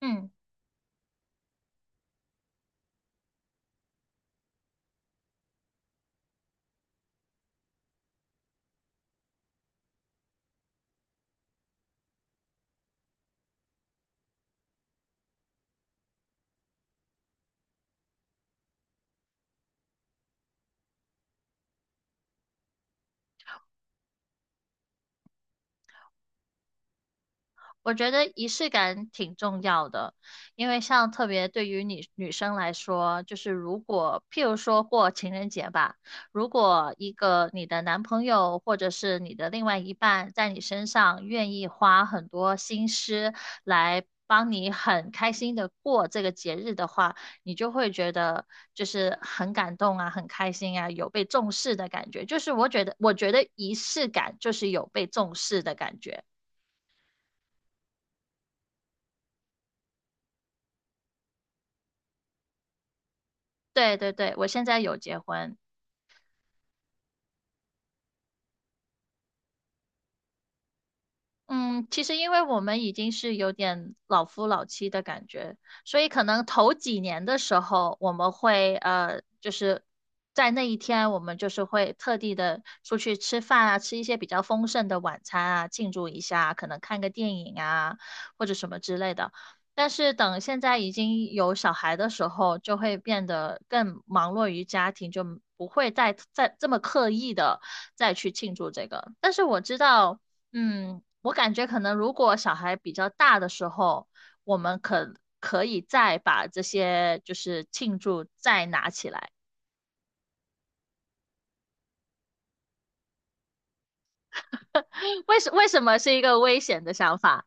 嗯，我觉得仪式感挺重要的，因为像特别对于女生来说，就是如果譬如说过情人节吧，如果一个你的男朋友或者是你的另外一半在你身上愿意花很多心思来帮你很开心的过这个节日的话，你就会觉得就是很感动啊，很开心啊，有被重视的感觉。就是我觉得仪式感就是有被重视的感觉。对对对，我现在有结婚。嗯，其实因为我们已经是有点老夫老妻的感觉，所以可能头几年的时候，我们会就是在那一天，我们就是会特地的出去吃饭啊，吃一些比较丰盛的晚餐啊，庆祝一下，可能看个电影啊，或者什么之类的。但是等现在已经有小孩的时候，就会变得更忙碌于家庭，就不会再这么刻意的再去庆祝这个。但是我知道。嗯，我感觉可能如果小孩比较大的时候，我们可以再把这些就是庆祝再拿起来。为什么是一个危险的想法？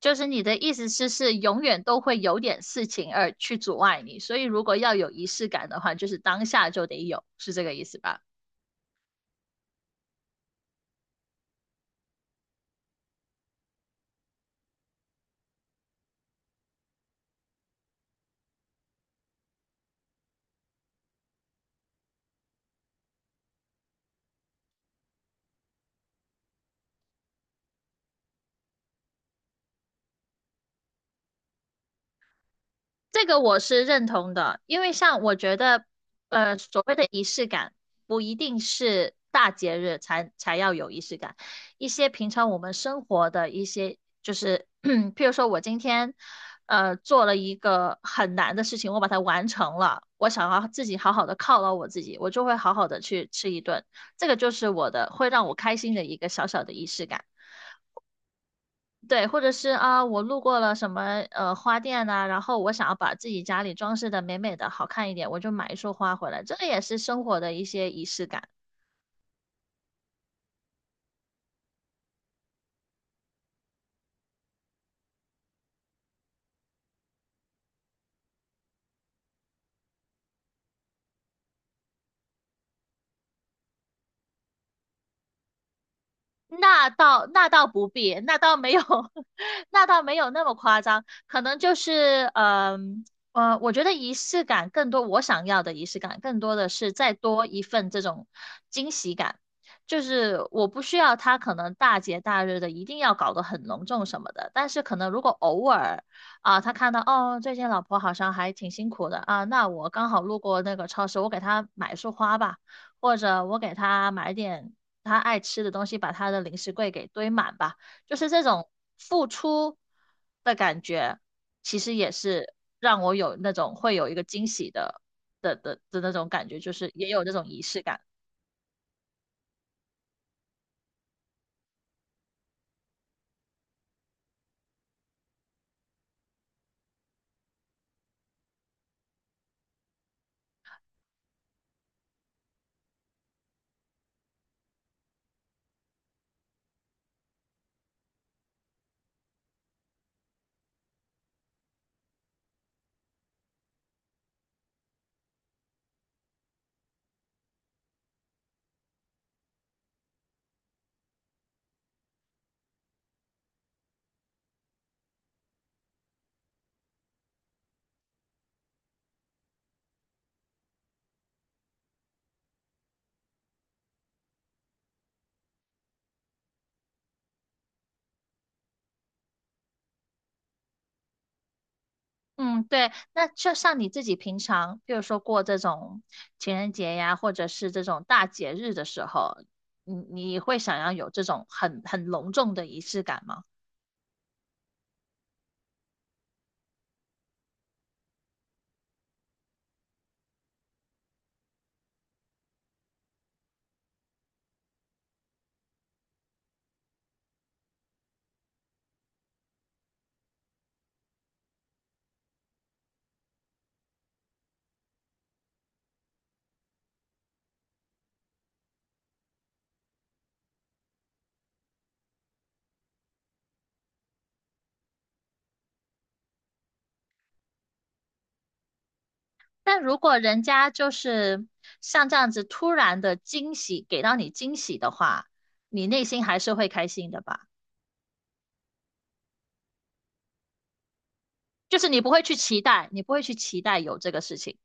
就是你的意思是永远都会有点事情而去阻碍你，所以如果要有仪式感的话，就是当下就得有，是这个意思吧？这个我是认同的，因为像我觉得，呃，所谓的仪式感不一定是大节日才要有仪式感，一些平常我们生活的一些，就是 譬如说我今天，呃，做了一个很难的事情，我把它完成了，我想要自己好好的犒劳我自己，我就会好好的去吃一顿，这个就是我的，会让我开心的一个小小的仪式感。对，或者是啊，我路过了什么花店呐、然后我想要把自己家里装饰的美美的、好看一点，我就买一束花回来，这个也是生活的一些仪式感。那倒不必，那倒没有。那倒没有那么夸张，可能就是我觉得仪式感更多，我想要的仪式感更多的是再多一份这种惊喜感，就是我不需要他可能大节大日的一定要搞得很隆重什么的，但是可能如果偶尔啊，他看到哦最近老婆好像还挺辛苦的啊，那我刚好路过那个超市，我给他买束花吧。或者我给他买点他爱吃的东西，把他的零食柜给堆满吧。就是这种付出的感觉，其实也是让我有那种会有一个惊喜的那种感觉，就是也有这种仪式感。嗯，对，那就像你自己平常，比如说过这种情人节呀，或者是这种大节日的时候，你会想要有这种很隆重的仪式感吗？但如果人家就是像这样子突然的惊喜，给到你惊喜的话，你内心还是会开心的吧？就是你不会去期待，你不会去期待有这个事情，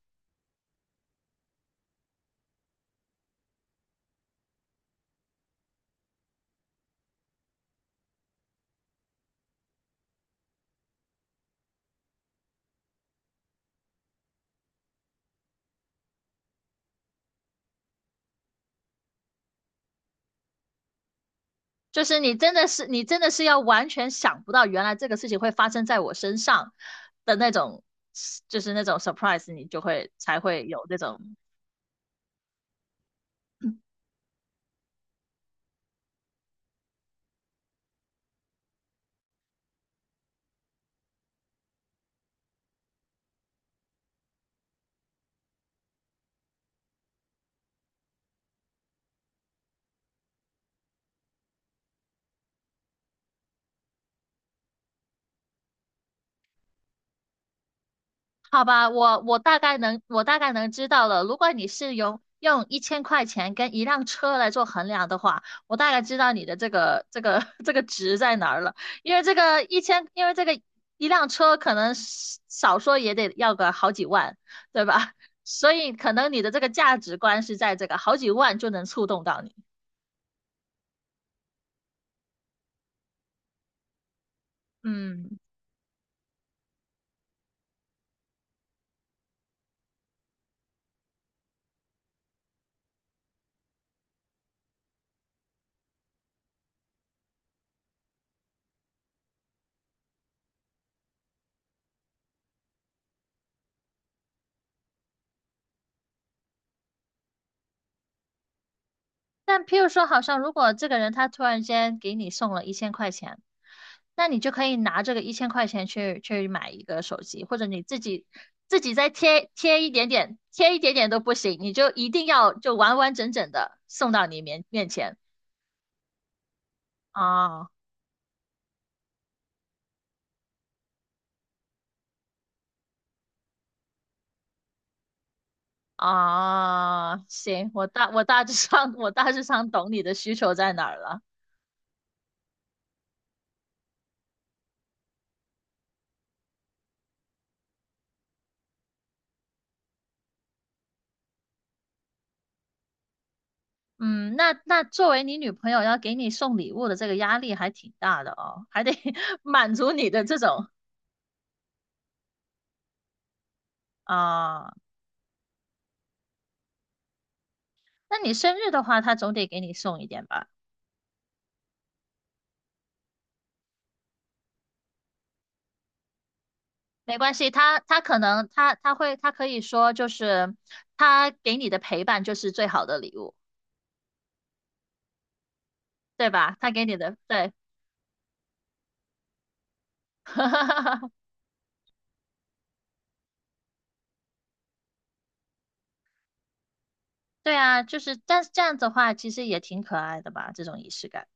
就是你真的是要完全想不到，原来这个事情会发生在我身上的那种，就是那种 surprise,你就会才会有那种。好吧，我大概知道了。如果你是用一千块钱跟一辆车来做衡量的话，我大概知道你的这个 这个值在哪儿了。因为这个一千，因为这个一辆车可能是少说也得要个好几万，对吧？所以可能你的这个价值观是在这个好几万就能触动到你。嗯，但譬如说，好像如果这个人他突然间给你送了一千块钱，那你就可以拿这个一千块钱去买一个手机，或者你自己再贴一点点，贴一点点都不行，你就一定要就完完整整的送到你面前。啊啊，行，我大致上 我大致上懂你的需求在哪儿了。嗯，那作为你女朋友要给你送礼物的这个压力还挺大的哦，还得 满足你的这种。啊、那你生日的话，他总得给你送一点吧？没关系，他可以说就是他给你的陪伴就是最好的礼物，对吧？他给你的对。对啊，就是但是这样子的话，其实也挺可爱的吧，这种仪式感。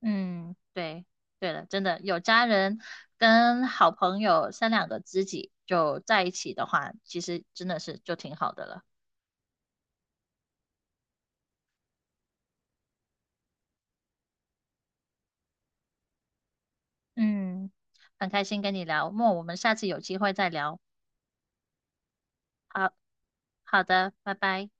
嗯，对，对了，真的有家人跟好朋友三两个知己就在一起的话，其实真的是就挺好的了。嗯，很开心跟你聊，我们下次有机会再聊。好。好的，拜拜。